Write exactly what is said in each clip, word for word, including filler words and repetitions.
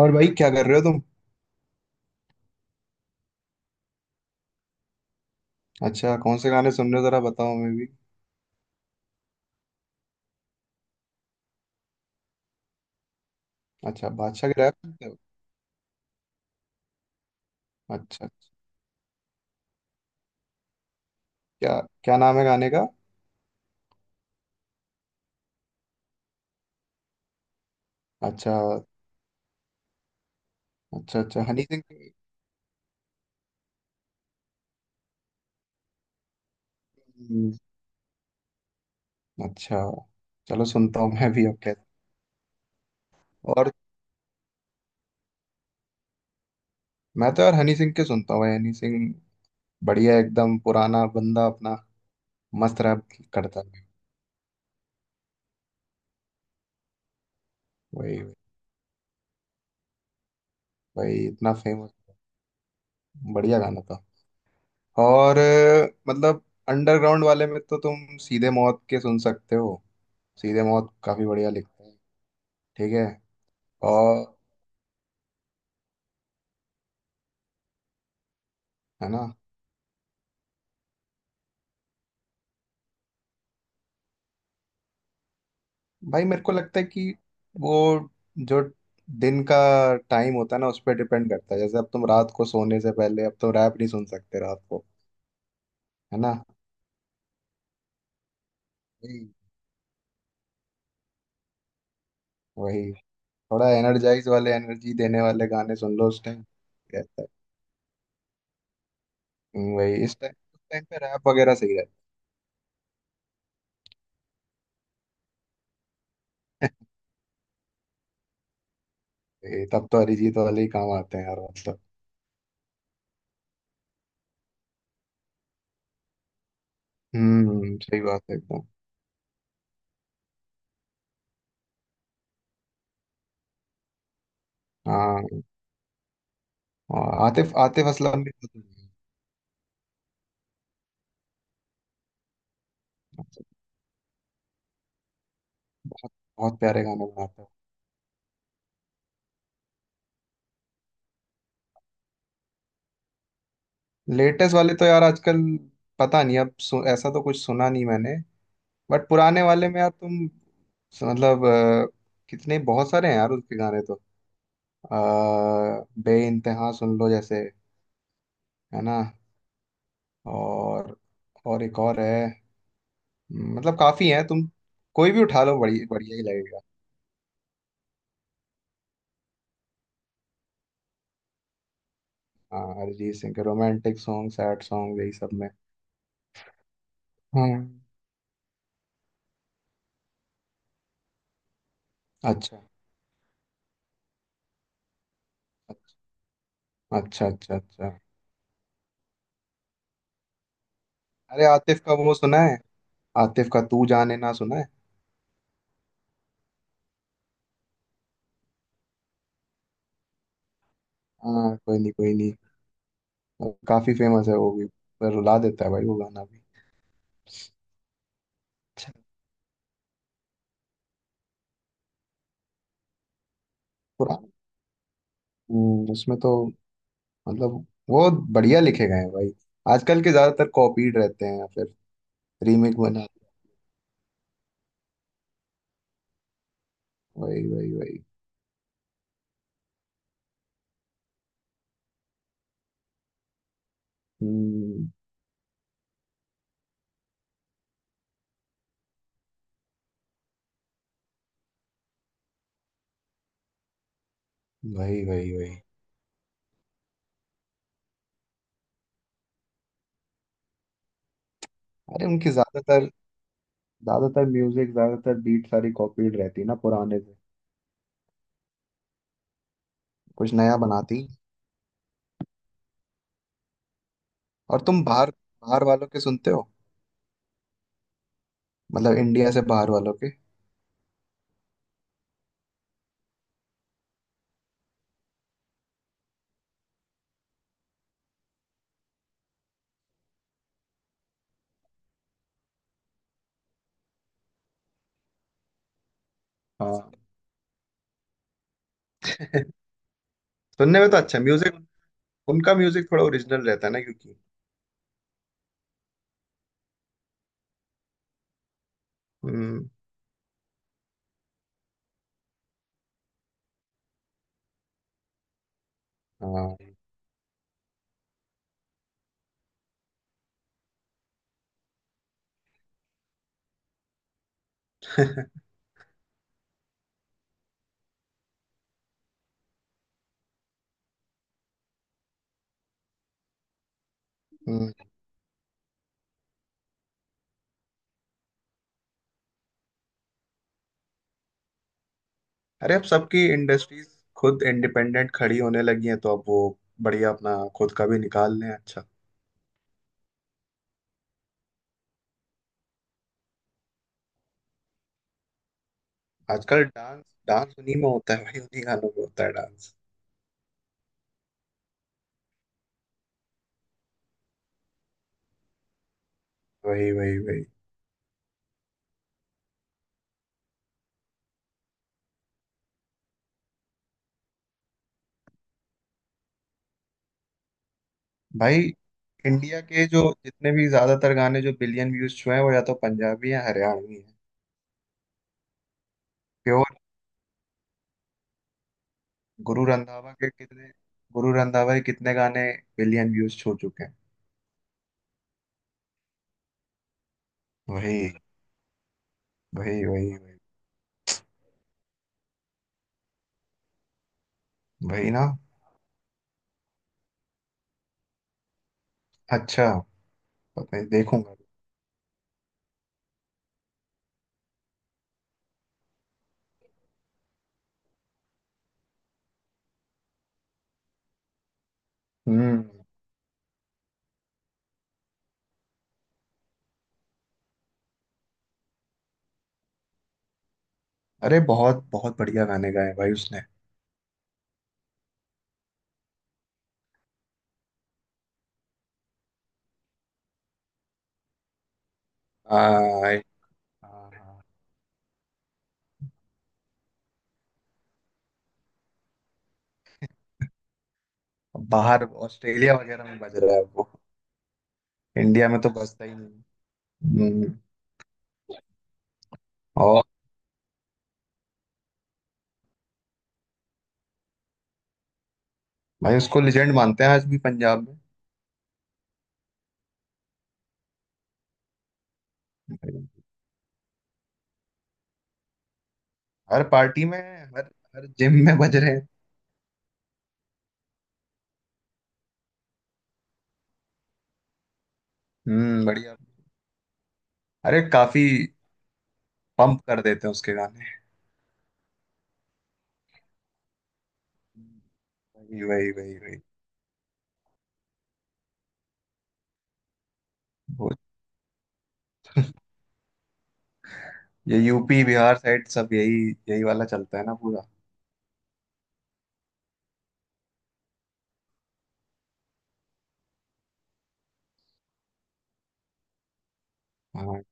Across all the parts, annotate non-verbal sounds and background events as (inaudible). और भाई क्या कर रहे हो तुम? अच्छा, कौन से गाने सुन रहे हो जरा बताओ, मैं भी। अच्छा, बादशाह गिराया सुनते हो? अच्छा, क्या क्या नाम है गाने का? अच्छा अच्छा अच्छा, हनी सिंह के-। हम्म। अच्छा, चलो सुनता हूँ मैं भी अब कहते। और मैं तो यार हनी सिंह के सुनता हूँ भाई, हनी सिंह। बढ़िया, एकदम पुराना बंदा अपना, मस्त रैप करता है। वही वही वही, इतना फेमस, बढ़िया गाना था। और अ, मतलब अंडरग्राउंड वाले में तो तुम सीधे मौत के सुन सकते हो। सीधे मौत काफी बढ़िया लिखते हैं। ठीक है। और है ना। भाई मेरे को लगता है कि वो जो दिन का टाइम होता है ना उस पर डिपेंड करता है। जैसे अब तुम रात को सोने से पहले अब तुम रैप नहीं सुन सकते रात को, है ना। हम्म, वही थोड़ा एनर्जाइज वाले, एनर्जी देने वाले गाने सुन लो उस टाइम, रहता है। हम्म, वही, इस टाइम उस टाइम पे रैप वगैरह सही रहता है। (laughs) वही, तब तो अरिजीत वाले ही काम आते हैं यार मतलब। हम्म, सही बात है एकदम। हाँ, और आतिफ आतिफ असलम भी। बहुत बहुत बहुत प्यारे गाने बनाता है। लेटेस्ट वाले तो यार आजकल पता नहीं, अब सु, ऐसा तो कुछ सुना नहीं मैंने। बट पुराने वाले में यार तुम, मतलब अ, कितने बहुत सारे हैं यार उसके गाने तो। आ, बे इंतहा सुन लो जैसे, है ना। और और एक और है, मतलब काफी है तुम, कोई भी उठा लो बड़ी बढ़िया ही लगेगा। हाँ, अरिजीत सिंह के रोमांटिक सॉन्ग, सैड सॉन्ग यही सब में। हम्म। अच्छा अच्छा अच्छा। अच्छा अच्छा। अरे, आतिफ का वो सुना है? आतिफ का तू जाने ना सुना है। हाँ, कोई नहीं कोई नहीं। और काफी फेमस है वो भी। पर रुला देता है भाई वो गाना भी। अच्छा। पुराना। हम्म, उसमें तो मतलब वो बढ़िया लिखे गए हैं भाई। आजकल के ज्यादातर कॉपीड रहते हैं या फिर रीमेक बना। वही वही वही। हम्म, वही वही वही। अरे उनके ज्यादातर, ज्यादातर म्यूजिक, ज्यादातर बीट सारी कॉपीड रहती है ना पुराने से। कुछ नया बनाती। और तुम बाहर, बाहर वालों के सुनते हो? मतलब इंडिया से बाहर वालों के। हाँ। (laughs) सुनने में तो अच्छा म्यूजिक। उनका म्यूजिक थोड़ा ओरिजिनल रहता है ना, क्योंकि। हम्म। हाँ। (laughs) हम्म। अरे अब सबकी इंडस्ट्रीज खुद इंडिपेंडेंट खड़ी होने लगी हैं तो अब वो बढ़िया अपना खुद का भी निकाल लें। अच्छा। आजकल डांस, डांस उन्हीं में होता है भाई, उन्हीं गानों में होता है डांस। वही वही वही। भाई इंडिया के जो जितने भी ज्यादातर गाने जो बिलियन व्यूज छुए हैं वो या तो पंजाबी हैं, हरियाणवी हैं। प्योर। गुरु रंधावा के कितने, गुरु रंधावा के कितने गाने बिलियन व्यूज छू चुके हैं। वही वही वही वही। वही ना। अच्छा, पता नहीं, देखूंगा। हम्म। अरे बहुत बहुत बढ़िया गाने गाए भाई उसने। आ, हाँ, हाँ। बाहर ऑस्ट्रेलिया वगैरह में बज रहा है वो। इंडिया में तो बजता ही नहीं। हम्म, और। भाई उसको लेजेंड मानते हैं आज भी पंजाब में। हर पार्टी में, हर, हर जिम में बज रहे हैं। हम्म, बढ़िया। अरे काफी पंप कर देते हैं उसके गाने। वही वही वही वही। वो ये यूपी बिहार साइड सब यही, यही वाला चलता है ना पूरा। हाँ।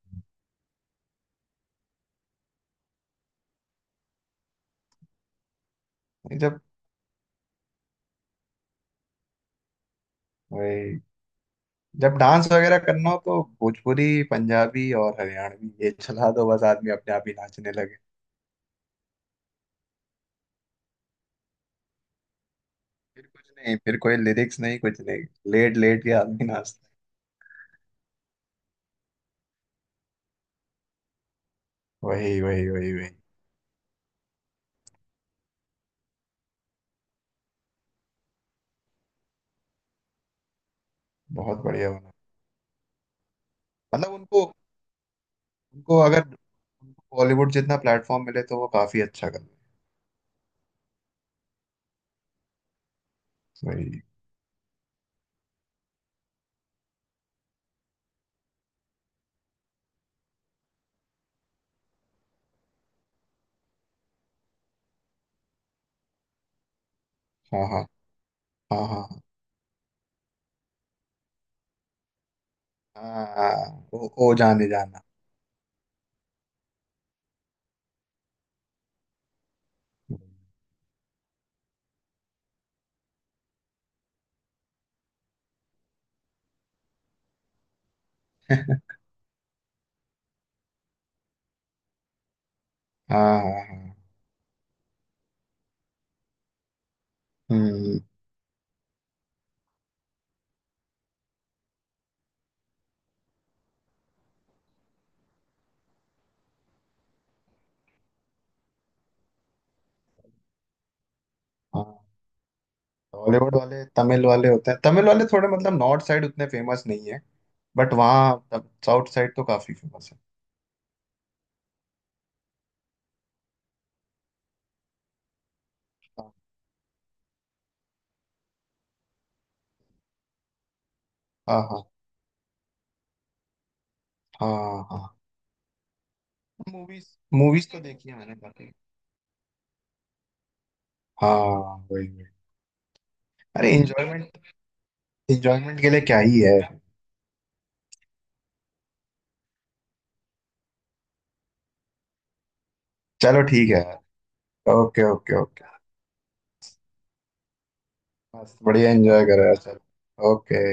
जब, वही, जब डांस वगैरह करना हो तो भोजपुरी, पंजाबी और हरियाणवी ये चला दो बस, आदमी अपने आप ही नाचने लगे। फिर कुछ नहीं, फिर कोई लिरिक्स नहीं कुछ नहीं, लेट लेट के आदमी नाचता है। वही वही वही वही। बहुत बढ़िया बना। मतलब उनको, उनको, अगर उनको बॉलीवुड जितना प्लेटफॉर्म मिले तो वो काफी अच्छा कर रहे हैं। वही। हाँ हाँ। हाँ हाँ। हाँ हाँ, हाँ, ओ, ओ जाने जाना। (laughs) हाँ हाँ हाँ। हम्म। बॉलीवुड वाले तमिल वाले होते हैं, तमिल वाले थोड़े मतलब नॉर्थ साइड उतने फेमस नहीं है। बट वहाँ साउथ साइड तो काफी फेमस है। हाँ हाँ। हाँ हाँ। मूवीज, मूवीज तो देखी है मैंने काफी। हाँ, वही वही। अरे इंजॉयमेंट, इंजॉयमेंट के लिए क्या ही है। चलो ठीक है। Okay okay okay. बस बढ़िया एंजॉय कर रहा है, चलो ओके।